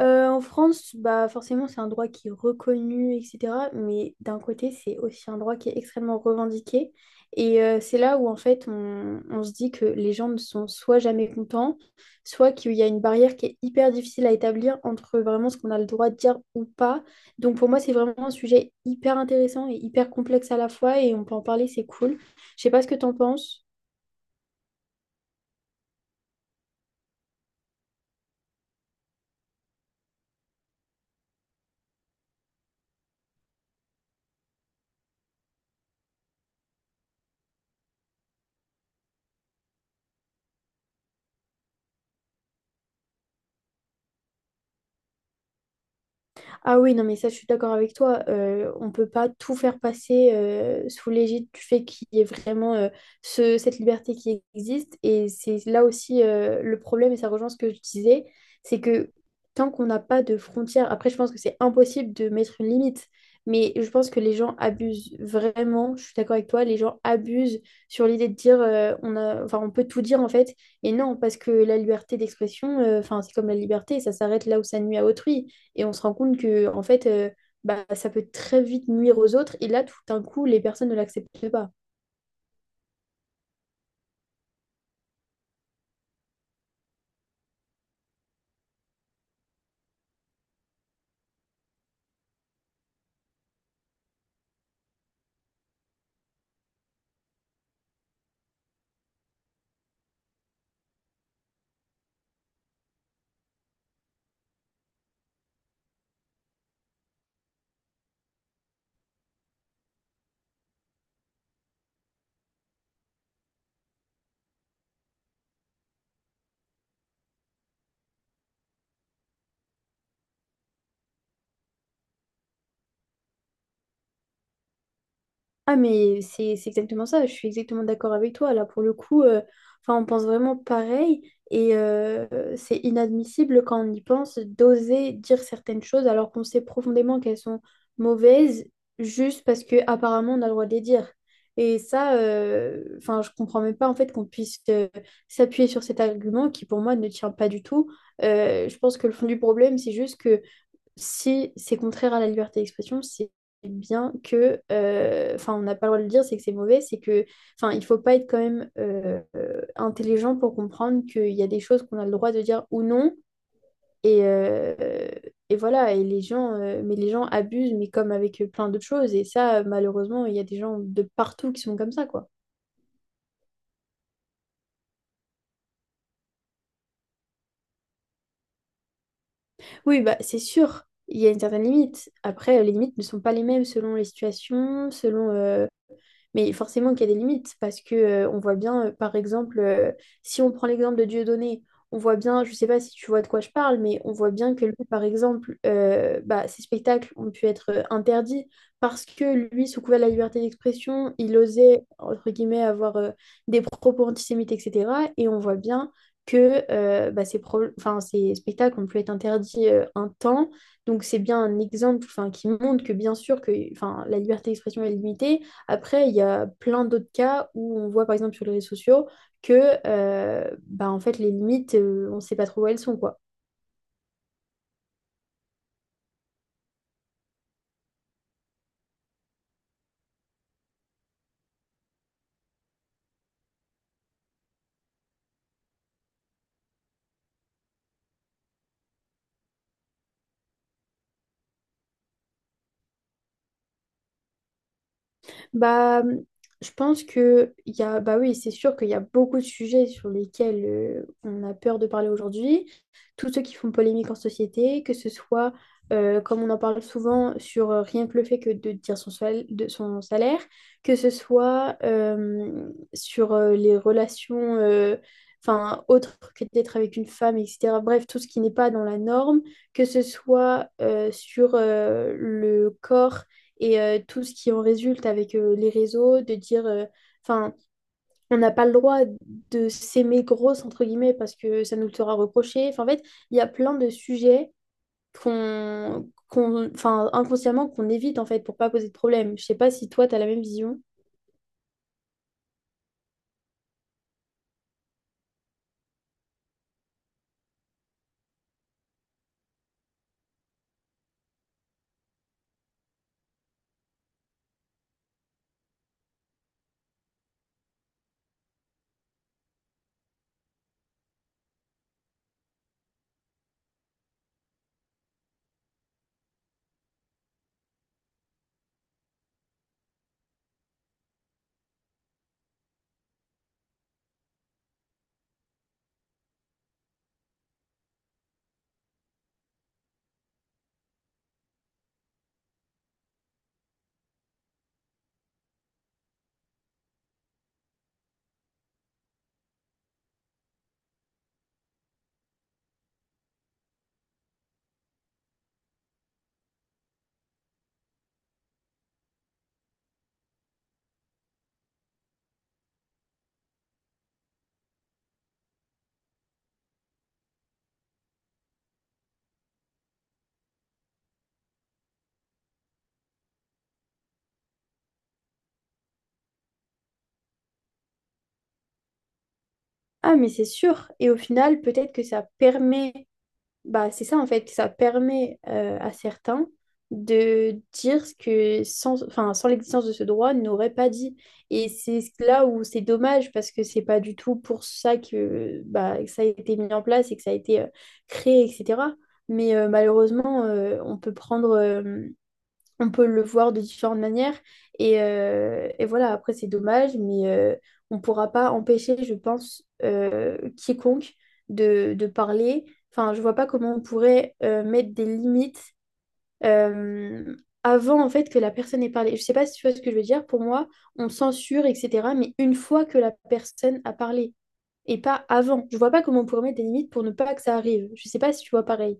En France, bah forcément, c'est un droit qui est reconnu, etc. Mais d'un côté, c'est aussi un droit qui est extrêmement revendiqué. C'est là où, en fait, on se dit que les gens ne sont soit jamais contents, soit qu'il y a une barrière qui est hyper difficile à établir entre vraiment ce qu'on a le droit de dire ou pas. Donc pour moi, c'est vraiment un sujet hyper intéressant et hyper complexe à la fois, et on peut en parler, c'est cool. Je sais pas ce que tu en penses. Ah oui, non, mais ça, je suis d'accord avec toi. On peut pas tout faire passer sous l'égide du fait qu'il y ait vraiment cette liberté qui existe. Et c'est là aussi le problème, et ça rejoint ce que je disais, c'est que tant qu'on n'a pas de frontières, après, je pense que c'est impossible de mettre une limite. Mais je pense que les gens abusent vraiment, je suis d'accord avec toi, les gens abusent sur l'idée de dire on a, enfin, on peut tout dire en fait. Et non, parce que la liberté d'expression, enfin, c'est comme la liberté, ça s'arrête là où ça nuit à autrui. Et on se rend compte que, en fait, bah, ça peut très vite nuire aux autres. Et là, tout d'un coup, les personnes ne l'acceptent pas. Ah mais c'est exactement ça, je suis exactement d'accord avec toi. Là pour le coup, enfin on pense vraiment pareil et euh, c'est inadmissible quand on y pense d'oser dire certaines choses alors qu'on sait profondément qu'elles sont mauvaises juste parce que apparemment on a le droit de les dire. Et ça, enfin je comprends même pas en fait qu'on puisse s'appuyer sur cet argument qui pour moi ne tient pas du tout. Je pense que le fond du problème c'est juste que si c'est contraire à la liberté d'expression, c'est bien que, on n'a pas le droit de le dire, c'est que c'est mauvais, c'est que, enfin, il faut pas être quand même intelligent pour comprendre qu'il y a des choses qu'on a le droit de dire ou non. Et, euh, et voilà, et les gens, mais les gens abusent, mais comme avec plein d'autres choses. Et ça, malheureusement, il y a des gens de partout qui sont comme ça, quoi. Oui, bah c'est sûr, il y a une certaine limite. Après, les limites ne sont pas les mêmes selon les situations, selon mais forcément qu'il y a des limites, parce que on voit bien, par exemple, si on prend l'exemple de Dieudonné, on voit bien, je sais pas si tu vois de quoi je parle, mais on voit bien que lui, par exemple, bah, ses spectacles ont pu être interdits parce que lui, sous couvert de la liberté d'expression, il osait, entre guillemets, avoir des propos antisémites, etc. Et on voit bien que bah, enfin, ces spectacles ont pu être interdits un temps. Donc c'est bien un exemple enfin, qui montre que bien sûr que enfin, la liberté d'expression est limitée, après, il y a plein d'autres cas où on voit, par exemple, sur les réseaux sociaux que bah, en fait, les limites, on ne sait pas trop où elles sont, quoi. Bah, mmh, je pense que il y a, bah oui, c'est sûr qu'il y a beaucoup de sujets sur lesquels on a peur de parler aujourd'hui. Tous ceux qui font polémique en société, que ce soit, comme on en parle souvent, sur rien que le fait que de dire de son salaire, que ce soit sur les relations, enfin, autres que d'être avec une femme, etc. Bref, tout ce qui n'est pas dans la norme, que ce soit sur le corps tout ce qui en résulte avec les réseaux, de dire, enfin, on n'a pas le droit de s'aimer grosse, entre guillemets, parce que ça nous le sera reproché. Enfin, en fait, il y a plein de sujets enfin, inconsciemment qu'on évite, en fait, pour pas poser de problème. Je sais pas si toi, tu as la même vision. Ah, mais c'est sûr. Et au final, peut-être que ça permet. Bah, c'est ça en fait, ça permet à certains de dire ce que sans, enfin, sans l'existence de ce droit n'aurait pas dit. Et c'est là où c'est dommage parce que c'est pas du tout pour ça que, bah, que ça a été mis en place et que ça a été créé, etc. Malheureusement, on peut prendre on peut le voir de différentes manières. Et voilà, après, c'est dommage, on ne pourra pas empêcher, je pense, quiconque de parler. Enfin, je vois pas comment on pourrait mettre des limites euh, avant, en fait, que la personne ait parlé. Je sais pas si tu vois ce que je veux dire. Pour moi, on censure, etc., mais une fois que la personne a parlé, et pas avant. Je vois pas comment on pourrait mettre des limites pour ne pas que ça arrive. Je sais pas si tu vois pareil.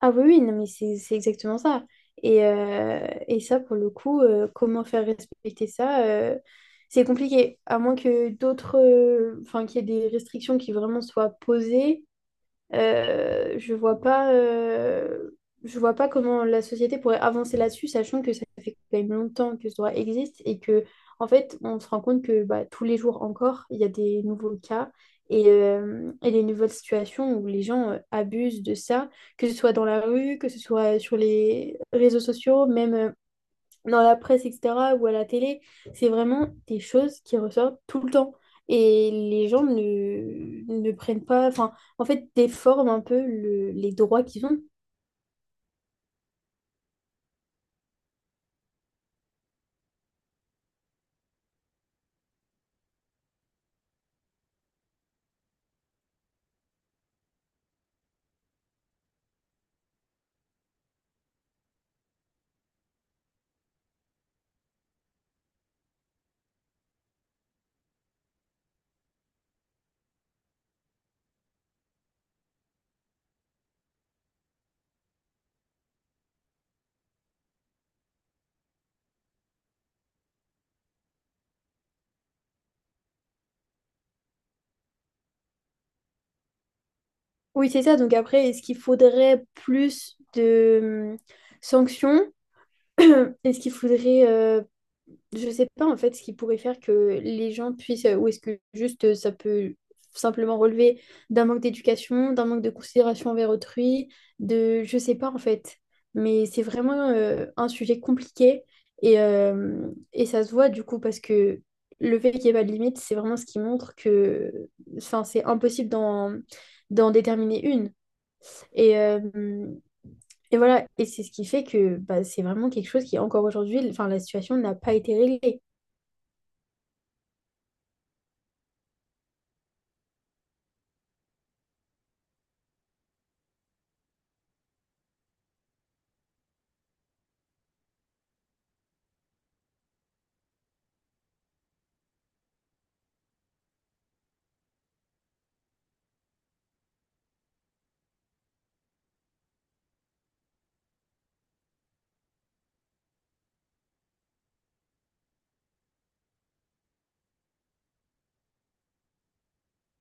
Ah oui, oui, non, mais c'est exactement ça. Et ça, pour le coup, comment faire respecter ça, c'est compliqué. À moins que d'autres, enfin, qu'il y ait des restrictions qui vraiment soient posées, euh, je vois pas, euh, je vois pas comment la société pourrait avancer là-dessus, sachant que ça fait quand même longtemps que ce droit existe et que, en fait, on se rend compte que bah, tous les jours encore, il y a des nouveaux cas et des nouvelles situations où les gens abusent de ça, que ce soit dans la rue, que ce soit sur les réseaux sociaux, même. Dans la presse, etc., ou à la télé, c'est vraiment des choses qui ressortent tout le temps. Et les gens ne prennent pas, enfin, en fait, déforment un peu les droits qu'ils ont. Oui, c'est ça. Donc après, est-ce qu'il faudrait plus de sanctions? Est-ce qu'il faudrait je sais pas en fait ce qui pourrait faire que les gens puissent, ou est-ce que juste ça peut simplement relever d'un manque d'éducation, d'un manque de considération envers autrui, de je sais pas en fait. Mais c'est vraiment un sujet compliqué et ça se voit du coup parce que le fait qu'il n'y ait pas de limite, c'est vraiment ce qui montre que enfin, c'est impossible d'en déterminer une. Et, euh, et voilà, et c'est ce qui fait que bah, c'est vraiment quelque chose qui encore aujourd'hui, enfin, la situation n'a pas été réglée.